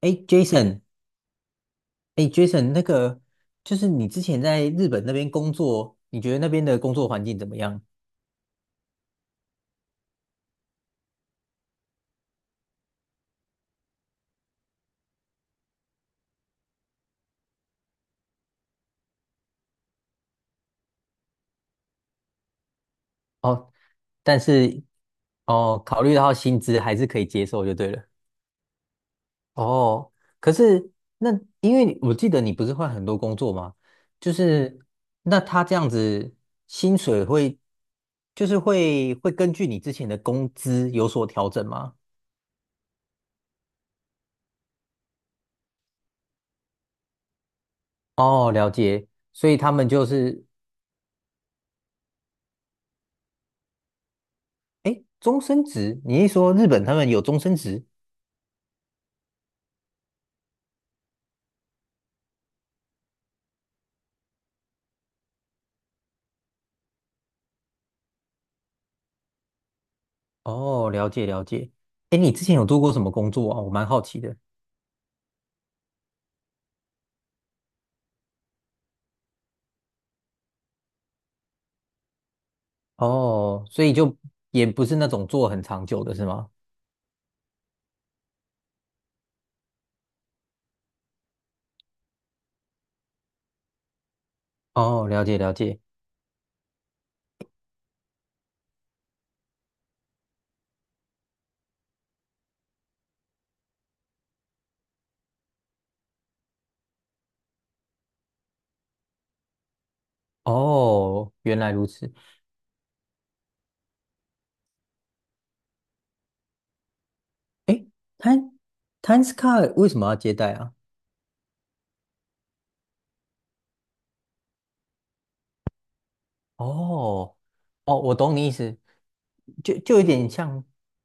哎，Jason，哎，Jason，那个就是你之前在日本那边工作，你觉得那边的工作环境怎么样？哦，但是哦，考虑到薪资还是可以接受就对了。哦，可是那因为我记得你不是换很多工作吗？就是那他这样子薪水会就是会根据你之前的工资有所调整吗？哦，了解。所以他们就是哎，终身职？你一说日本他们有终身职？哦，了解了解。哎，你之前有做过什么工作啊？我蛮好奇的。哦，所以就也不是那种做很长久的是吗？哦，了解了解。哦，原来如此。Time Times Card 为什么要接待啊？哦哦，我懂你意思，就有点像，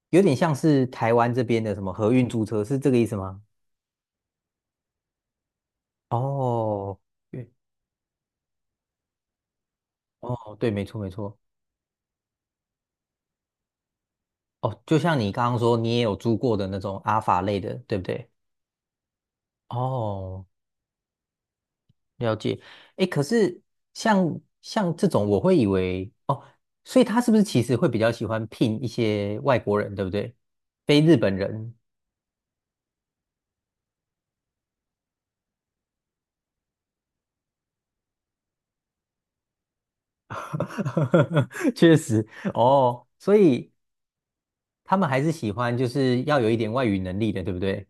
有点像是台湾这边的什么合运租车，是这个意思吗？哦，对，哦，对，没错没错。哦，就像你刚刚说，你也有租过的那种阿法类的，对不对？哦，了解。诶，可是像这种，我会以为哦，所以他是不是其实会比较喜欢聘一些外国人，对不对？非日本人，确实哦，所以他们还是喜欢就是要有一点外语能力的，对不对？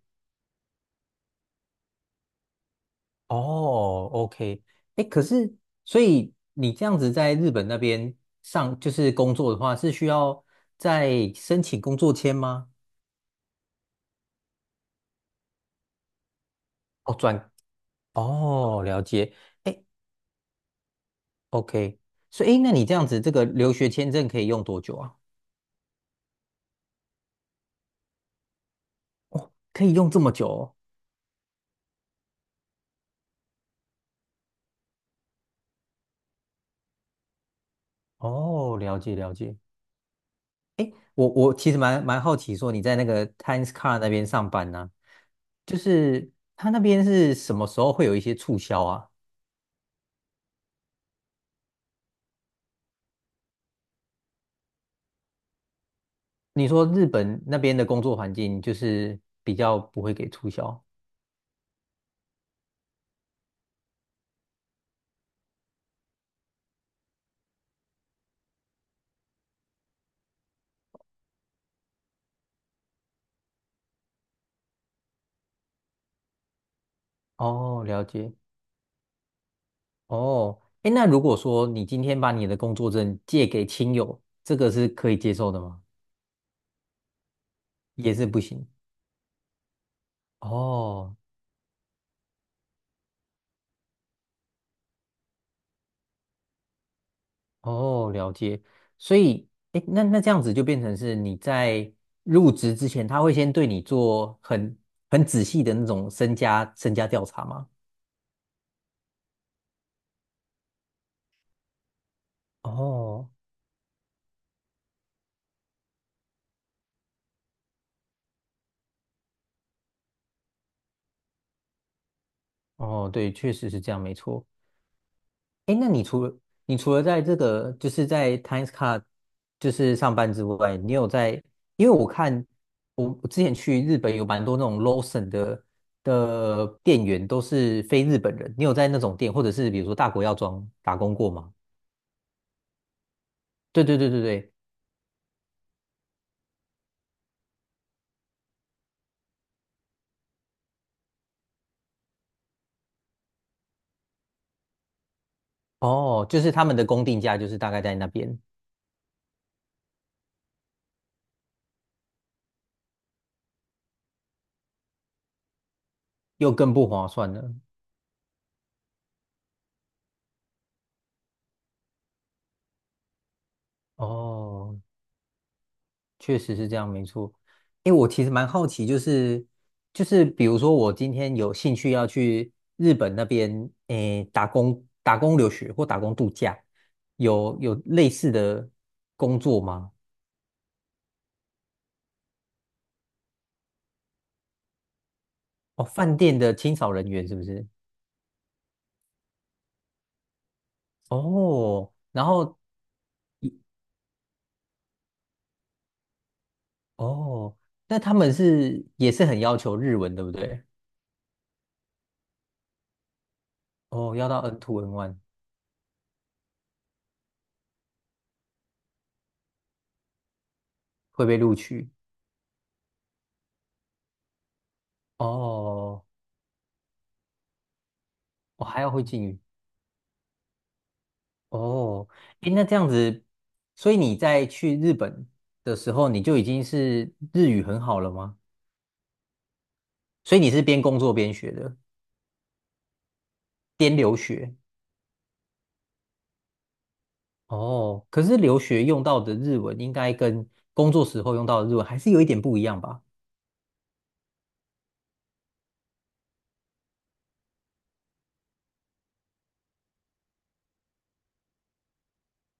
哦，OK，哎，可是所以你这样子在日本那边上就是工作的话，是需要再申请工作签吗？哦，转，哦，了解，哎，OK，所以哎，诶那你这样子这个留学签证可以用多久啊？可以用这么久哦？哦，了解了解。我其实蛮好奇，说你在那个 Times Car 那边上班呢、就是他那边是什么时候会有一些促销啊？你说日本那边的工作环境就是比较不会给促销哦，了解哦。哎，那如果说你今天把你的工作证借给亲友，这个是可以接受的吗？也是不行哦哦，了解。所以，哎，那这样子就变成是你在入职之前，他会先对你做很仔细的那种身家调查吗？哦哦，对，确实是这样，没错。哎，那你除了在这个就是在 Times Card 就是上班之外，你有在？因为我看我之前去日本有蛮多那种 Lawson 的店员都是非日本人，你有在那种店或者是比如说大国药妆打工过吗？对对对对对，哦，就是他们的工定价就是大概在那边，又更不划算了。哦，确实是这样，没错。因为我其实蛮好奇，就是比如说我今天有兴趣要去日本那边，诶，打工留学或打工度假，有类似的工作吗？哦，饭店的清扫人员是不是？哦，然后哦，那他们是也是很要求日文，对不对？哦，要到 N2 N1 会被录取。哦，我还要会敬语。哦，诶，那这样子，所以你在去日本的时候，你就已经是日语很好了吗？所以你是边工作边学的，边留学。哦，可是留学用到的日文应该跟工作时候用到的日文还是有一点不一样吧？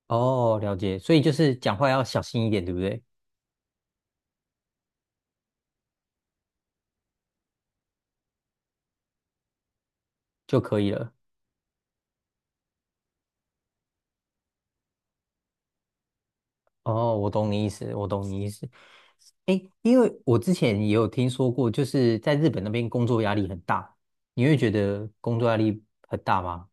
哦，了解，所以就是讲话要小心一点，对不对？就可以了。哦，我懂你意思，我懂你意思。诶，因为我之前也有听说过，就是在日本那边工作压力很大，你会觉得工作压力很大吗？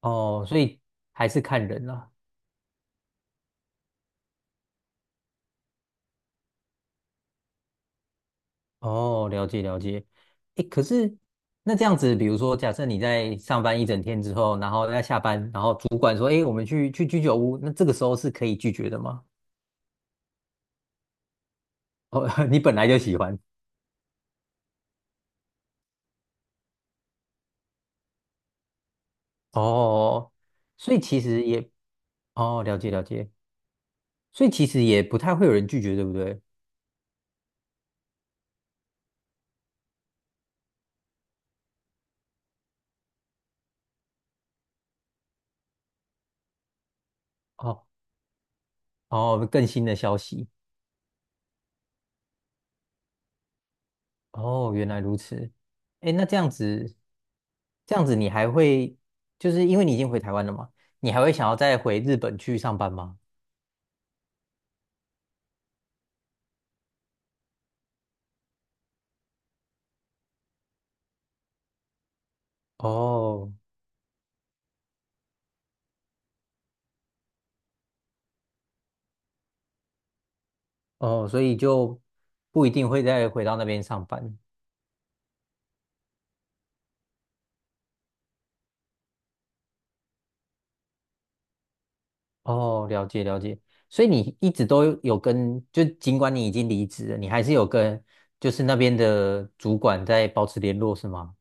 哦，所以还是看人啦。哦，了解了解。诶，可是那这样子，比如说，假设你在上班一整天之后，然后在下班，然后主管说：“诶，我们去居酒屋。”那这个时候是可以拒绝的吗？哦，你本来就喜欢。哦，所以其实也，哦，了解了解。所以其实也不太会有人拒绝，对不对？哦哦，更新的消息。哦，原来如此。哎，那这样子，这样子你还会，就是因为你已经回台湾了嘛，你还会想要再回日本去上班吗？哦哦，所以就不一定会再回到那边上班。哦，了解了解。所以你一直都有跟，就尽管你已经离职了，你还是有跟，就是那边的主管在保持联络，是吗？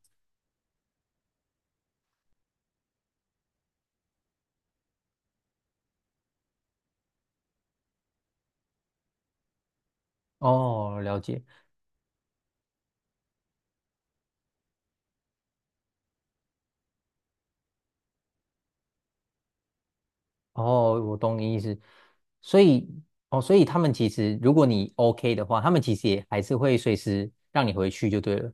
哦，了解。哦，我懂你意思。所以，哦，所以他们其实，如果你 OK 的话，他们其实也还是会随时让你回去就对了。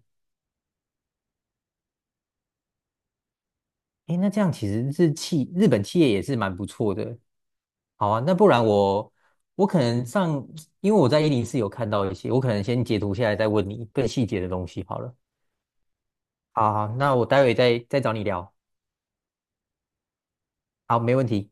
诶，那这样其实日企日本企业也是蛮不错的。好啊，那不然我可能上，因为我在104有看到一些，我可能先截图下来再问你更细节的东西好了。好好，那我待会再找你聊。好，没问题。